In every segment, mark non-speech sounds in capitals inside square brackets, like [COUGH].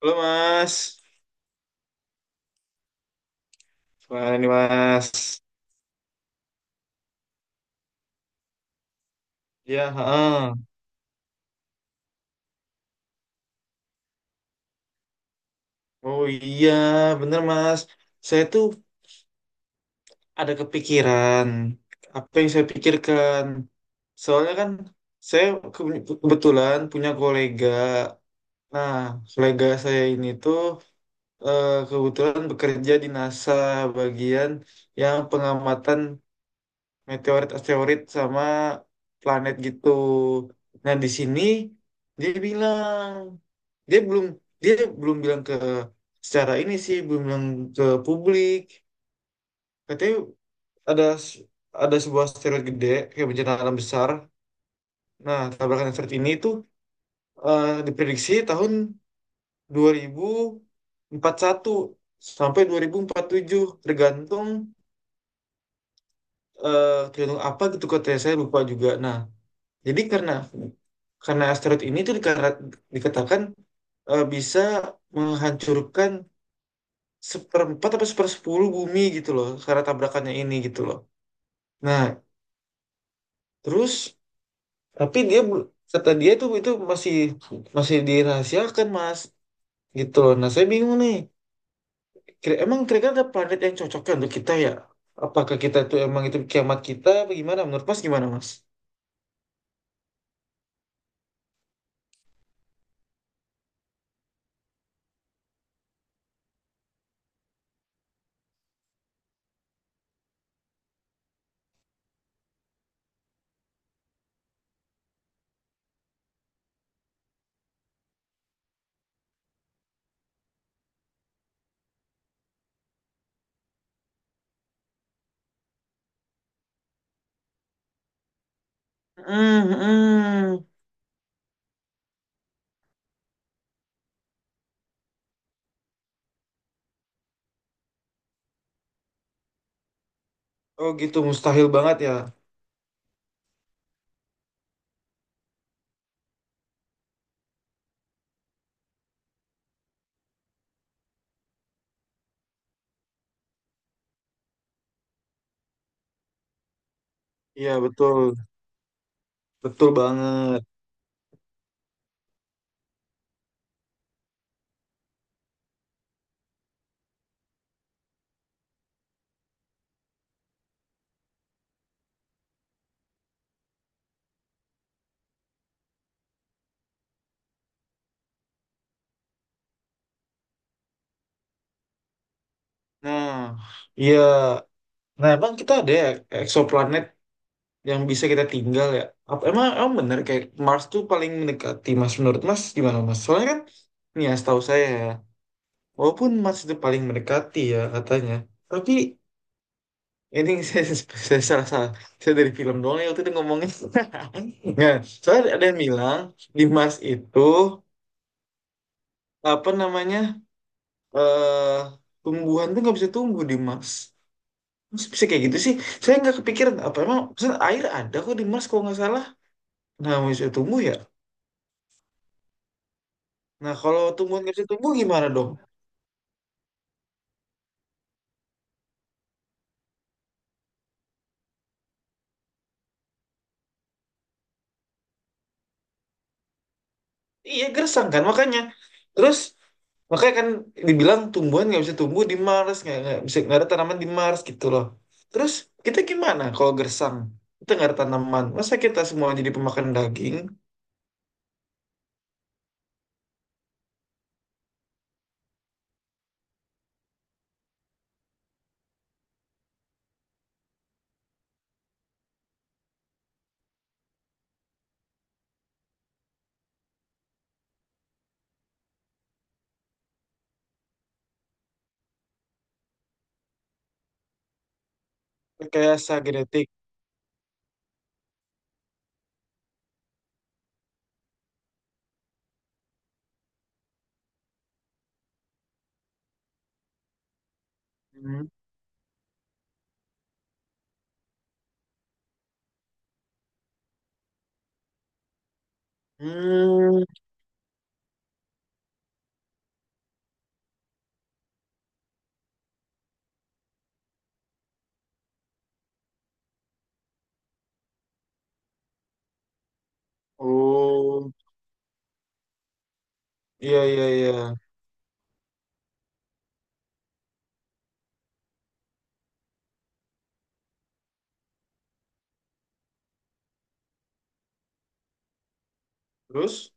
Halo Mas, gimana nih Mas? Ya, heeh. Oh iya, bener Mas. Saya tuh ada kepikiran. Apa yang saya pikirkan? Soalnya kan saya kebetulan punya kolega. Nah, kolega saya ini tuh kebetulan bekerja di NASA bagian yang pengamatan meteorit asteroid sama planet gitu. Nah, di sini dia bilang dia belum dia belum bilang ke, secara ini sih belum bilang ke publik. Katanya ada s- ada sebuah asteroid gede kayak bencana alam besar. Nah, tabrakan asteroid ini itu diprediksi tahun 2041 sampai 2047 tergantung tergantung apa gitu, katanya saya lupa juga. Nah, jadi karena asteroid ini tuh dikatakan bisa menghancurkan seperempat atau sepersepuluh bumi gitu loh karena tabrakannya ini gitu loh. Nah, terus tapi kata dia itu masih masih dirahasiakan Mas gitu loh. Nah, saya bingung nih. Emang kira-kira ada planet yang cocoknya untuk kita ya? Apakah kita tuh emang itu kiamat kita apa gimana? Menurut Mas gimana Mas? Hmm, hmm. Oh gitu mustahil banget ya. Iya betul. Betul banget. Nah, iya. Nah, emang kita ada ya eksoplanet yang bisa kita tinggal ya? Apa, emang bener kayak Mars tuh paling mendekati Mas, menurut Mas gimana Mas? Soalnya kan, nih ya setahu saya ya, walaupun Mars itu paling mendekati ya katanya, tapi ini [LAUGHS] saya salah salah. Saya dari film doang ya waktu itu ngomongnya. [LAUGHS] Nah, soalnya ada yang bilang di Mars itu apa namanya eh tumbuhan tuh nggak bisa tumbuh di Mars. Masa bisa kayak gitu sih? Saya nggak kepikiran, apa emang maksudnya air ada kok di Mars kalau nggak salah. Nah, nggak bisa tumbuh ya. Nah, kalau tumbuhan nggak bisa tumbuh gimana dong? Iya, gersang kan makanya. Terus makanya kan dibilang tumbuhan nggak bisa tumbuh di Mars, nggak bisa, nggak ada tanaman di Mars gitu loh. Terus kita gimana kalau gersang? Kita nggak ada tanaman. Masa kita semua jadi pemakan daging? Rekayasa genetik. Hmm. Hmm. Oh, iya iya iya. Terus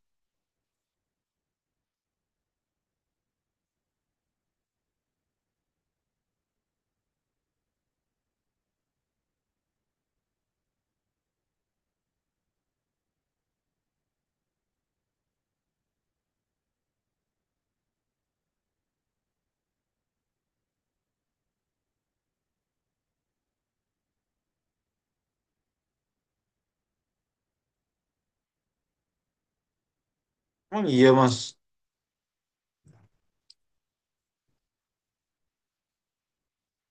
emang iya, Mas.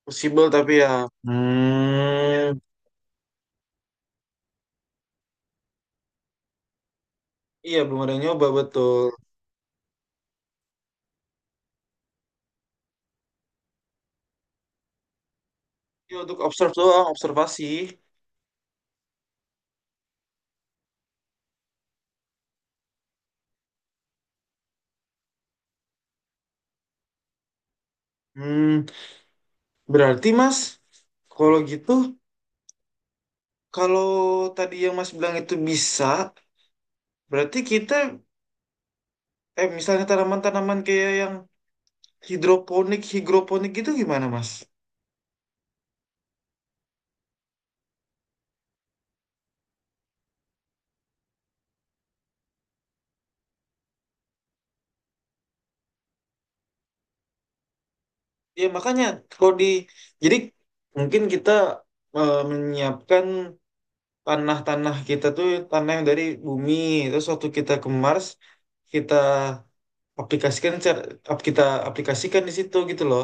Possible tapi ya hmm, iya belum ada yang nyoba betul. Ini untuk observe doang, observasi. Hmm, berarti Mas, kalau gitu, kalau tadi yang Mas bilang itu bisa, berarti kita, misalnya tanaman-tanaman kayak yang hidroponik gitu gimana Mas? Ya makanya kalau di, jadi mungkin kita menyiapkan tanah-tanah kita, tuh tanah yang dari bumi. Terus waktu kita ke Mars, kita kita aplikasikan di situ gitu loh,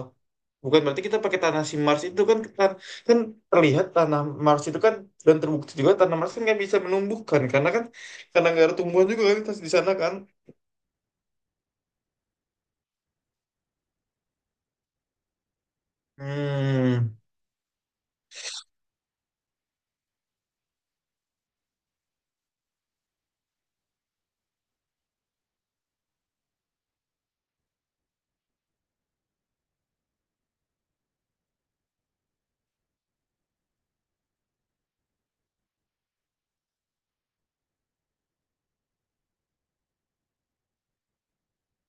bukan berarti kita pakai tanah si Mars itu. Kan kan terlihat tanah Mars itu kan, dan terbukti juga tanah Mars kan nggak bisa menumbuhkan, karena kan karena nggak ada tumbuhan juga kan, tas di sana kan. Hmm,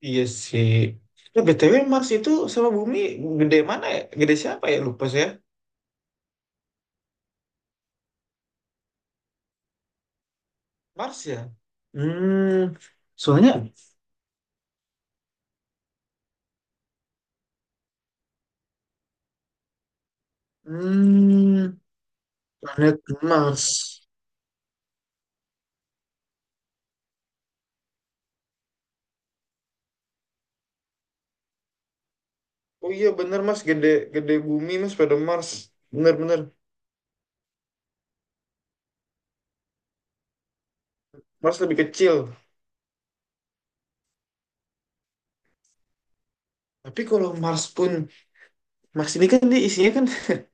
iya sih. Nah, BTW Mars itu sama Bumi gede mana ya? Gede siapa ya? Lupa saya. Mars ya? Hmm, soalnya Hmm, planet Mars. Oh iya bener Mas, gede gede bumi Mas pada Mars. Bener-bener. Mars lebih kecil. Tapi kalau Mars pun, Mars ini kan dia isinya kan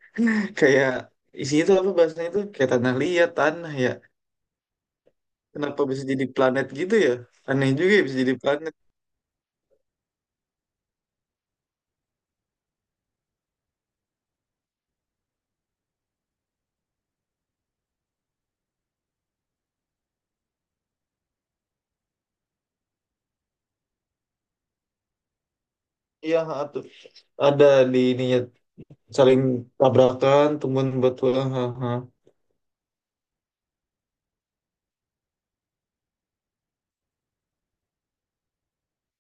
[LAUGHS] kayak, isinya itu apa bahasanya itu, kayak tanah liat, tanah ya. Kenapa bisa jadi planet gitu ya? Aneh juga ya bisa jadi planet. Iya, ha, tuh. Ada di ininya saling tabrakan, tumbuhan bertulang. Ha, ha.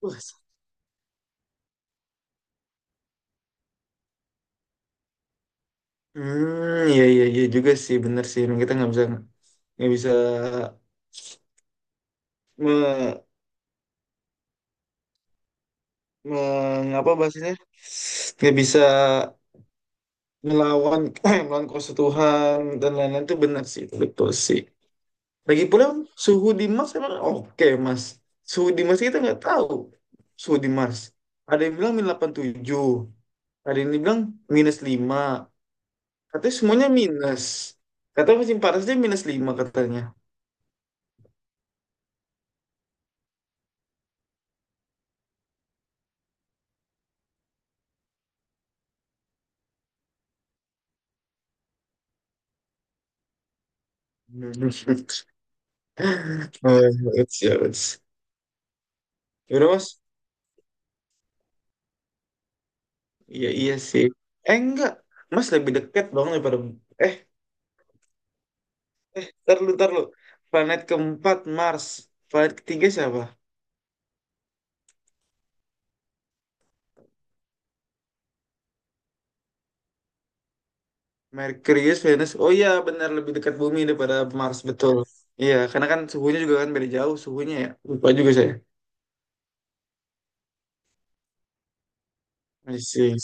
Wah, iya iya iya juga sih, bener sih. Emang kita nggak bisa nggak bisa me, mengapa bahasanya, nggak bisa melawan [CLEARS THROAT] melawan kuasa Tuhan [CLEARS THROAT] dan lain-lain, itu benar sih, betul sih. Lagi pula suhu di Mars emang oke Mas? Suhu di Mars kita nggak tahu. Suhu di Mars ada yang bilang -87. Ada yang bilang -5. Katanya semuanya minus, katanya musim panasnya -5 katanya. [LAUGHS] Hmm. Oh, it's. Yaudah, Mas. Iya iya sih. Eh enggak, Mas lebih dekat dong daripada, eh ntar lu ntar lu. Planet keempat Mars, planet ketiga siapa? Merkurius, Venus. Oh iya benar, lebih dekat bumi daripada Mars betul. Iya karena kan suhunya juga kan beda jauh suhunya ya. Lupa juga saya. Iya.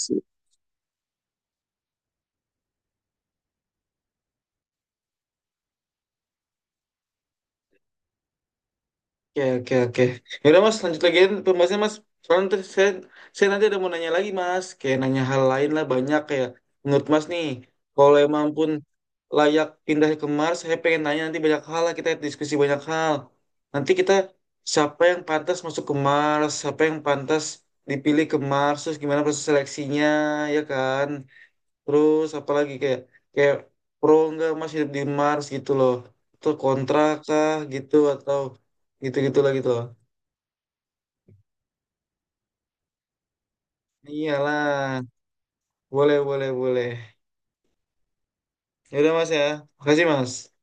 Oke, oke, oke. Ya udah Mas, lanjut lagi pembahasannya Mas. Soalnya nanti saya nanti ada mau nanya lagi Mas, kayak nanya hal lain lah, banyak kayak menurut Mas nih, kalau emang pun layak pindah ke Mars, saya pengen nanya nanti banyak hal lah, kita diskusi banyak hal. Nanti kita, siapa yang pantas masuk ke Mars, siapa yang pantas dipilih ke Mars, terus gimana proses seleksinya, ya kan? Terus apalagi kayak kayak pro enggak Mas hidup di Mars gitu loh. Atau kontra kah gitu atau gitu-gitu lah gitu loh. Iyalah. Boleh, boleh, boleh. Ya udah Mas ya. Makasih Mas.